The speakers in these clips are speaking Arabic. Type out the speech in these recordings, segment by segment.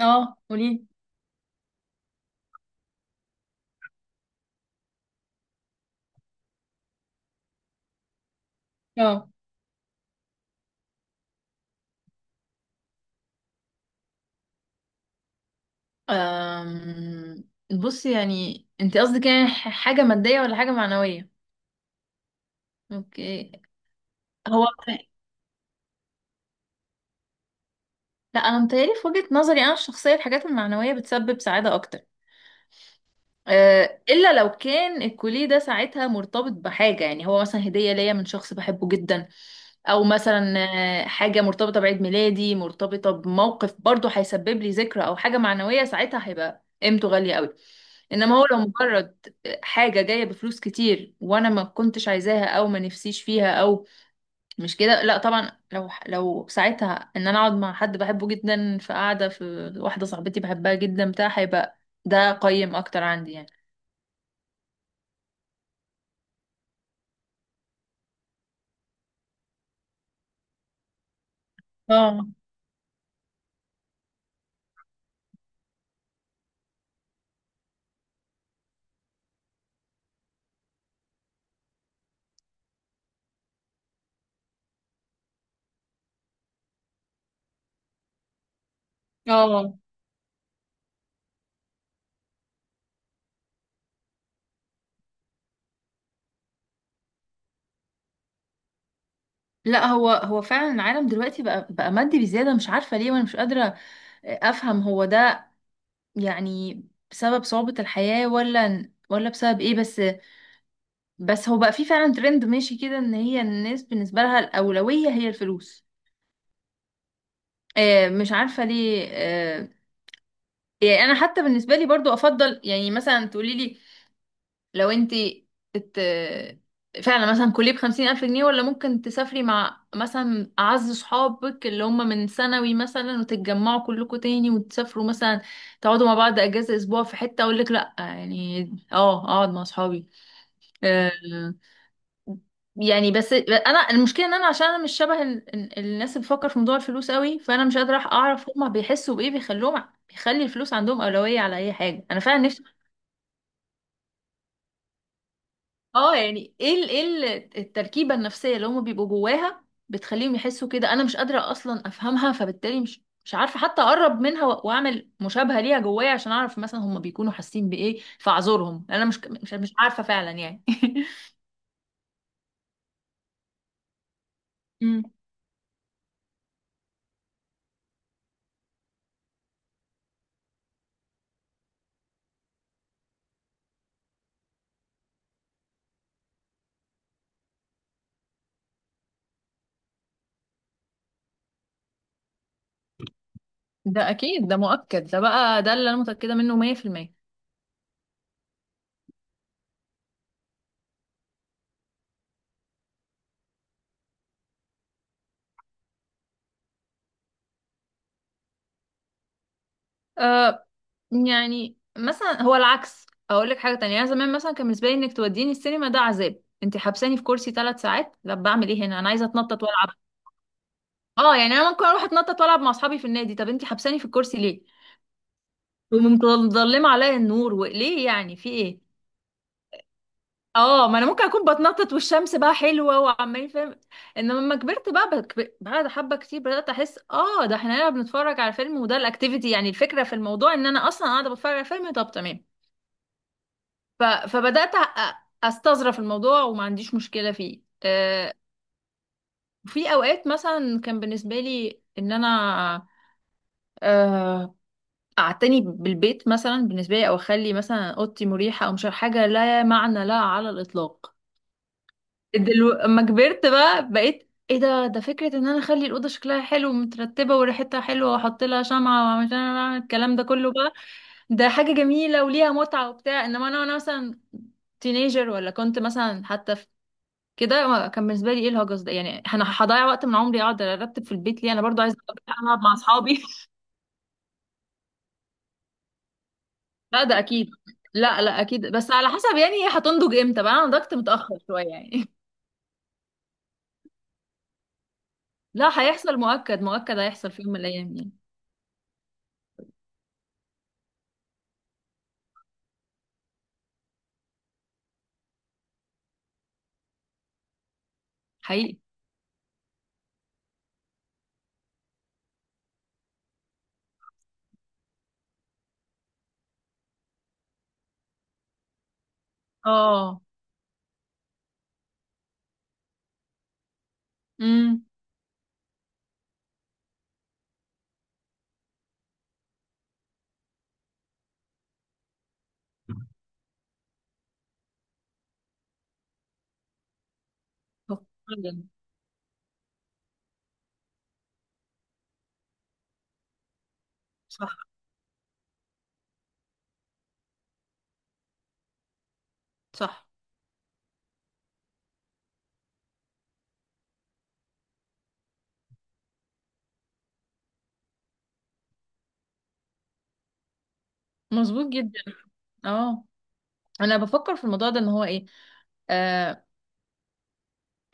اه قولي. اه، أم... بصي. يعني انت قصدك حاجة مادية ولا حاجة معنوية؟ اوكي. هو لا، انا متهيألي في وجهة نظري انا الشخصية الحاجات المعنوية بتسبب سعادة اكتر. الا لو كان الكوليه ده ساعتها مرتبط بحاجه، يعني هو مثلا هديه ليا من شخص بحبه جدا، او مثلا حاجه مرتبطه بعيد ميلادي، مرتبطه بموقف برضه هيسبب لي ذكرى او حاجه معنويه، ساعتها هيبقى قيمته غاليه قوي. انما هو لو مجرد حاجه جايه بفلوس كتير وانا ما كنتش عايزاها او ما نفسيش فيها، او مش كده، لا طبعا. لو ساعتها ان انا اقعد مع حد بحبه جدا في قعده، في واحده صاحبتي بحبها جدا بتاع، هيبقى ده قيم اكتر عندي يعني. اه. اه، لا هو فعلا العالم دلوقتي بقى مادي بزياده، مش عارفه ليه، وانا مش قادره افهم هو ده يعني بسبب صعوبه الحياه ولا بسبب ايه. بس بس هو بقى في فعلا ترند ماشي كده، ان هي الناس بالنسبه لها الاولويه هي الفلوس. آه، مش عارفه ليه. آه، يعني انا حتى بالنسبه لي برضو افضل. يعني مثلا تقولي لي، لو ات... فعلا مثلا كلية بخمسين ألف جنيه، ولا ممكن تسافري مع مثلا أعز صحابك اللي هم من ثانوي مثلا، وتتجمعوا كلكم تاني وتسافروا مثلا، تقعدوا مع بعض أجازة أسبوع في حتة، أقول لك لأ يعني، اه أقعد مع صحابي. آه، يعني بس أنا المشكلة إن أنا، عشان أنا مش شبه الناس اللي بتفكر في موضوع الفلوس قوي، فأنا مش قادرة أعرف هما بيحسوا بإيه بيخلوهم، بيخلي الفلوس عندهم أولوية على أي حاجة. أنا فعلا نفسي، اه، يعني التركيبة النفسية اللي هم بيبقوا جواها بتخليهم يحسوا كده، انا مش قادرة اصلا افهمها، فبالتالي مش عارفة حتى اقرب منها واعمل مشابهة ليها جوايا عشان اعرف مثلا هم بيكونوا حاسين بايه فاعذرهم. يعني انا مش عارفة فعلا يعني مم. ده اكيد، ده مؤكد، ده بقى ده اللي انا متأكدة منه 100%. آه، يعني مثلا هو العكس اقول لك حاجه تانية. انا زمان مثلا كان بالنسبه لي انك توديني السينما ده عذاب. انت حبساني في كرسي ثلاث ساعات، لا بعمل ايه هنا، انا عايزه اتنطط والعب. اه، يعني انا ممكن اروح اتنطط والعب مع اصحابي في النادي، طب انتي حبساني في الكرسي ليه، ومظلمه عليا النور، وليه يعني، في ايه؟ اه، ما انا ممكن اكون بتنطط والشمس بقى حلوه وعمالين فاهم. انما لما كبرت بقى بعد حبه كتير بدات احس، اه ده احنا هنا بنتفرج على فيلم وده الاكتيفيتي، يعني الفكره في الموضوع ان انا اصلا قاعده بتفرج على فيلم، طب تمام. ف... فبدات أ- استظرف الموضوع وما عنديش مشكله فيه. آه، في اوقات مثلا كان بالنسبه لي ان انا، آه، اعتني بالبيت مثلا بالنسبه لي، او اخلي مثلا اوضتي مريحه، او مش عارف، حاجه لا معنى لها على الاطلاق. اما كبرت بقى، بقيت ايه، ده فكره ان انا اخلي الاوضه شكلها حلو ومترتبه وريحتها حلوه، واحط لها شمعه، واعمل الكلام ده كله بقى، ده حاجه جميله وليها متعه وبتاع. انما انا، وانا مثلا تينيجر، ولا كنت مثلا حتى في كده كان بالنسبه لي ايه الهجس ده؟ يعني انا هضيع وقت من عمري اقعد ارتب في البيت ليه، انا برضو عايزه أروح العب مع اصحابي. لا ده اكيد. لا اكيد، بس على حسب يعني هي هتنضج امتى بقى، انا نضجت متاخر شويه يعني. لا هيحصل، مؤكد، مؤكد هيحصل في يوم من الايام يعني. حقيقي. اه. امم. فعلاً. صح. صح. مظبوط جدا. اه، انا بفكر في الموضوع ده ان هو ايه، آه،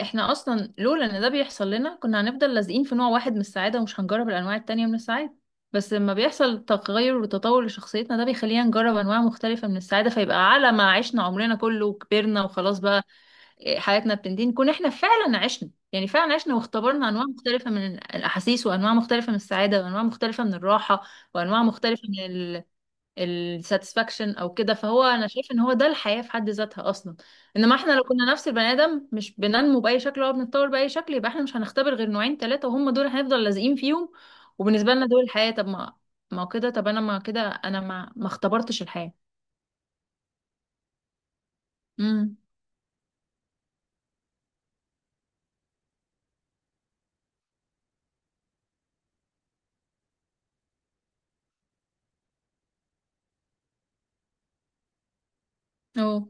احنا اصلا لولا ان ده بيحصل لنا كنا هنفضل لازقين في نوع واحد من السعادة، ومش هنجرب الانواع التانية من السعادة. بس لما بيحصل تغير وتطور لشخصيتنا، ده بيخلينا نجرب انواع مختلفة من السعادة، فيبقى على ما عشنا عمرنا كله وكبرنا وخلاص بقى، إيه، حياتنا بتنتهي، نكون احنا فعلا عشنا، يعني فعلا عشنا واختبرنا انواع مختلفة من الاحاسيس، وانواع مختلفة من السعادة، وانواع مختلفة من الراحة، وانواع مختلفة من الساتسفاكشن او كده. فهو انا شايف ان هو ده الحياة في حد ذاتها اصلا. انما احنا لو كنا نفس البني ادم، مش بننمو باي شكل ولا بنتطور باي شكل، يبقى احنا مش هنختبر غير نوعين ثلاثة وهم دول هنفضل لازقين فيهم، وبالنسبة لنا دول الحياة. طب ما، ما هو كده، طب انا ما كده انا ما اختبرتش الحياة. امم. اه.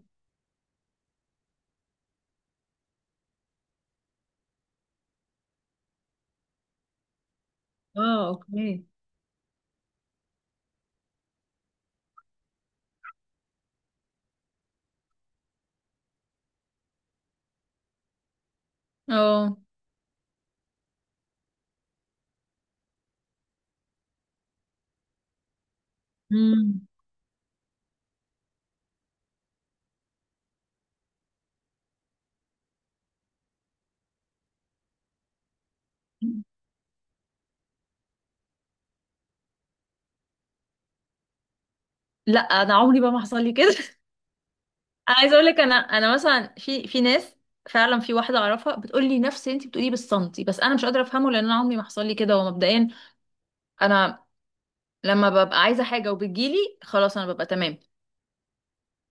اه. اوكي. اه. امم. لا انا عمري بقى ما حصل لي كده. انا عايزه اقول لك، انا مثلا في ناس، فعلا في واحده اعرفها بتقول لي نفس اللي انت بتقوليه بالسنتي، بس انا مش قادره افهمه، لان انا عمري ما حصل لي كده. ومبدئيا انا لما ببقى عايزه حاجه وبتجيلي، خلاص انا ببقى تمام.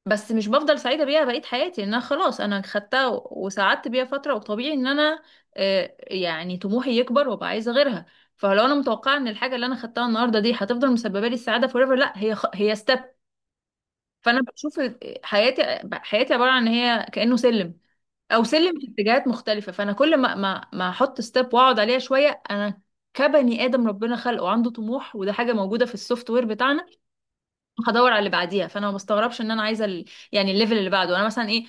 بس مش بفضل سعيده بيها بقيه حياتي، لان انا خلاص انا خدتها وسعدت بيها فتره، وطبيعي ان انا، يعني طموحي يكبر وابقى عايزه غيرها. فلو انا متوقعه ان الحاجه اللي انا خدتها النهارده دي هتفضل مسببه لي السعاده فور ايفر، لا هي ستيب. فانا بشوف حياتي، حياتي عباره عن ان هي كانه سلم، او سلم في اتجاهات مختلفه. فانا كل ما ما احط ستيب واقعد عليها شويه، انا كبني ادم ربنا خلقه عنده طموح، وده حاجه موجوده في السوفت وير بتاعنا، هدور على اللي بعديها. فانا ما بستغربش ان انا عايزه يعني الليفل اللي بعده. انا مثلا ايه،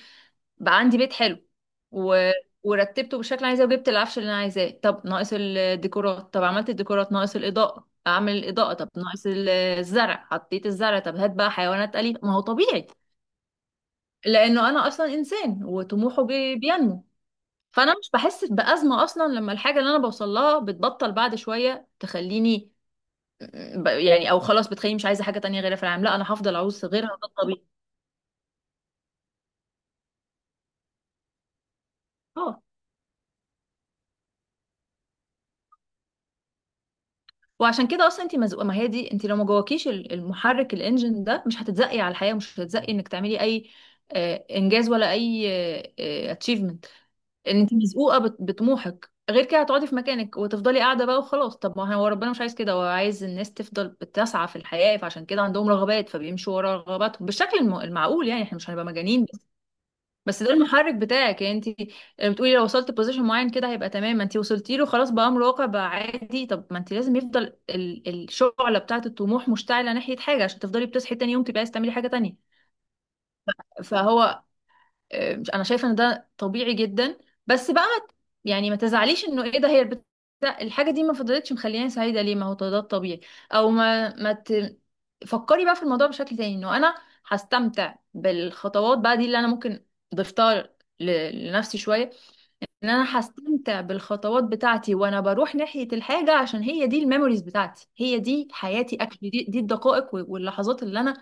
بقى عندي بيت حلو، و... ورتبته بالشكل اللي عايزاه وجبت العفش اللي انا عايزاه، طب ناقص الديكورات، طب عملت الديكورات، ناقص الاضاءه، اعمل الاضاءه، طب ناقص الزرع، حطيت الزرع، طب هات بقى حيوانات اليفه، ما هو طبيعي لانه انا اصلا انسان وطموحه بينمو. فانا مش بحس بازمه اصلا لما الحاجه اللي انا بوصل لها بتبطل بعد شويه تخليني يعني، او خلاص بتخليني مش عايزه حاجه تانية غيرها في العالم، لا انا هفضل اعوز غيرها، ده الطبيعي. اه، وعشان كده اصلا انت مزقوقه. ما هي دي، انت لو ما جواكيش المحرك الانجن ده، مش هتتزقي على الحياه، مش هتتزقي انك تعملي اي انجاز ولا اي اتشيفمنت. ان انت مزقوقه بطموحك، غير كده هتقعدي في مكانك وتفضلي قاعده بقى وخلاص. طب ما هو ربنا مش عايز كده، هو عايز الناس تفضل بتسعى في الحياه، فعشان كده عندهم رغبات، فبيمشوا ورا رغباتهم بالشكل المعقول، يعني احنا مش هنبقى مجانين. بس بس ده المحرك بتاعك يعني. انت بتقولي لو وصلت بوزيشن معين كده هيبقى تمام، ما انت وصلتي له خلاص، بقى امر واقع، بقى عادي. طب ما انت لازم يفضل الشعله بتاعه الطموح مشتعله ناحيه حاجه، عشان تفضلي بتصحي تاني يوم تبقى عايزه تعملي حاجه تانيه. فهو، مش انا شايفه ان ده طبيعي جدا. بس بقى ما ت- يعني ما تزعليش انه ايه ده، الحاجه دي ما فضلتش مخلياني سعيده ليه، ما هو ده الطبيعي. او ما ما ت... فكري بقى في الموضوع بشكل تاني، انه انا هستمتع بالخطوات بقى دي اللي انا ممكن ضفتها لنفسي شويه، ان انا هستمتع بالخطوات بتاعتي وانا بروح ناحيه الحاجه، عشان هي دي الميموريز بتاعتي، هي دي حياتي اكشلي، دي الدقائق واللحظات اللي انا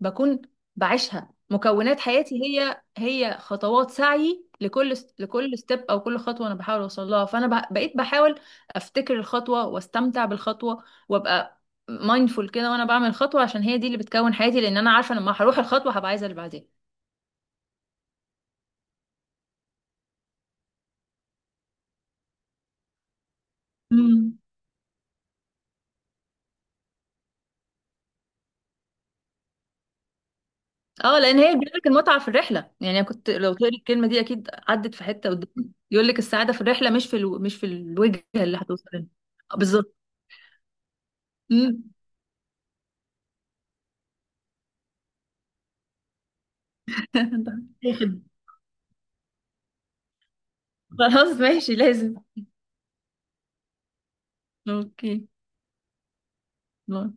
بكون بعيشها، مكونات حياتي هي هي خطوات سعي. لكل ستيب او كل خطوه انا بحاول اوصل لها، فانا بقيت بحاول افتكر الخطوه واستمتع بالخطوه، وابقى مايندفول كده وانا بعمل الخطوه، عشان هي دي اللي بتكون حياتي، لان انا عارفه لما هروح الخطوه هبقى عايزه اللي بعدين. امم. اه، لان هي بيقولك المتعه في الرحله. يعني أنا كنت لو تقولي الكلمه دي اكيد عدت في حته قدامي يقولك السعاده في الرحله، مش في مش في الوجهه اللي هتوصل لها. آه، بالظبط. مم. خلاص ماشي، لازم. اوكي. باي.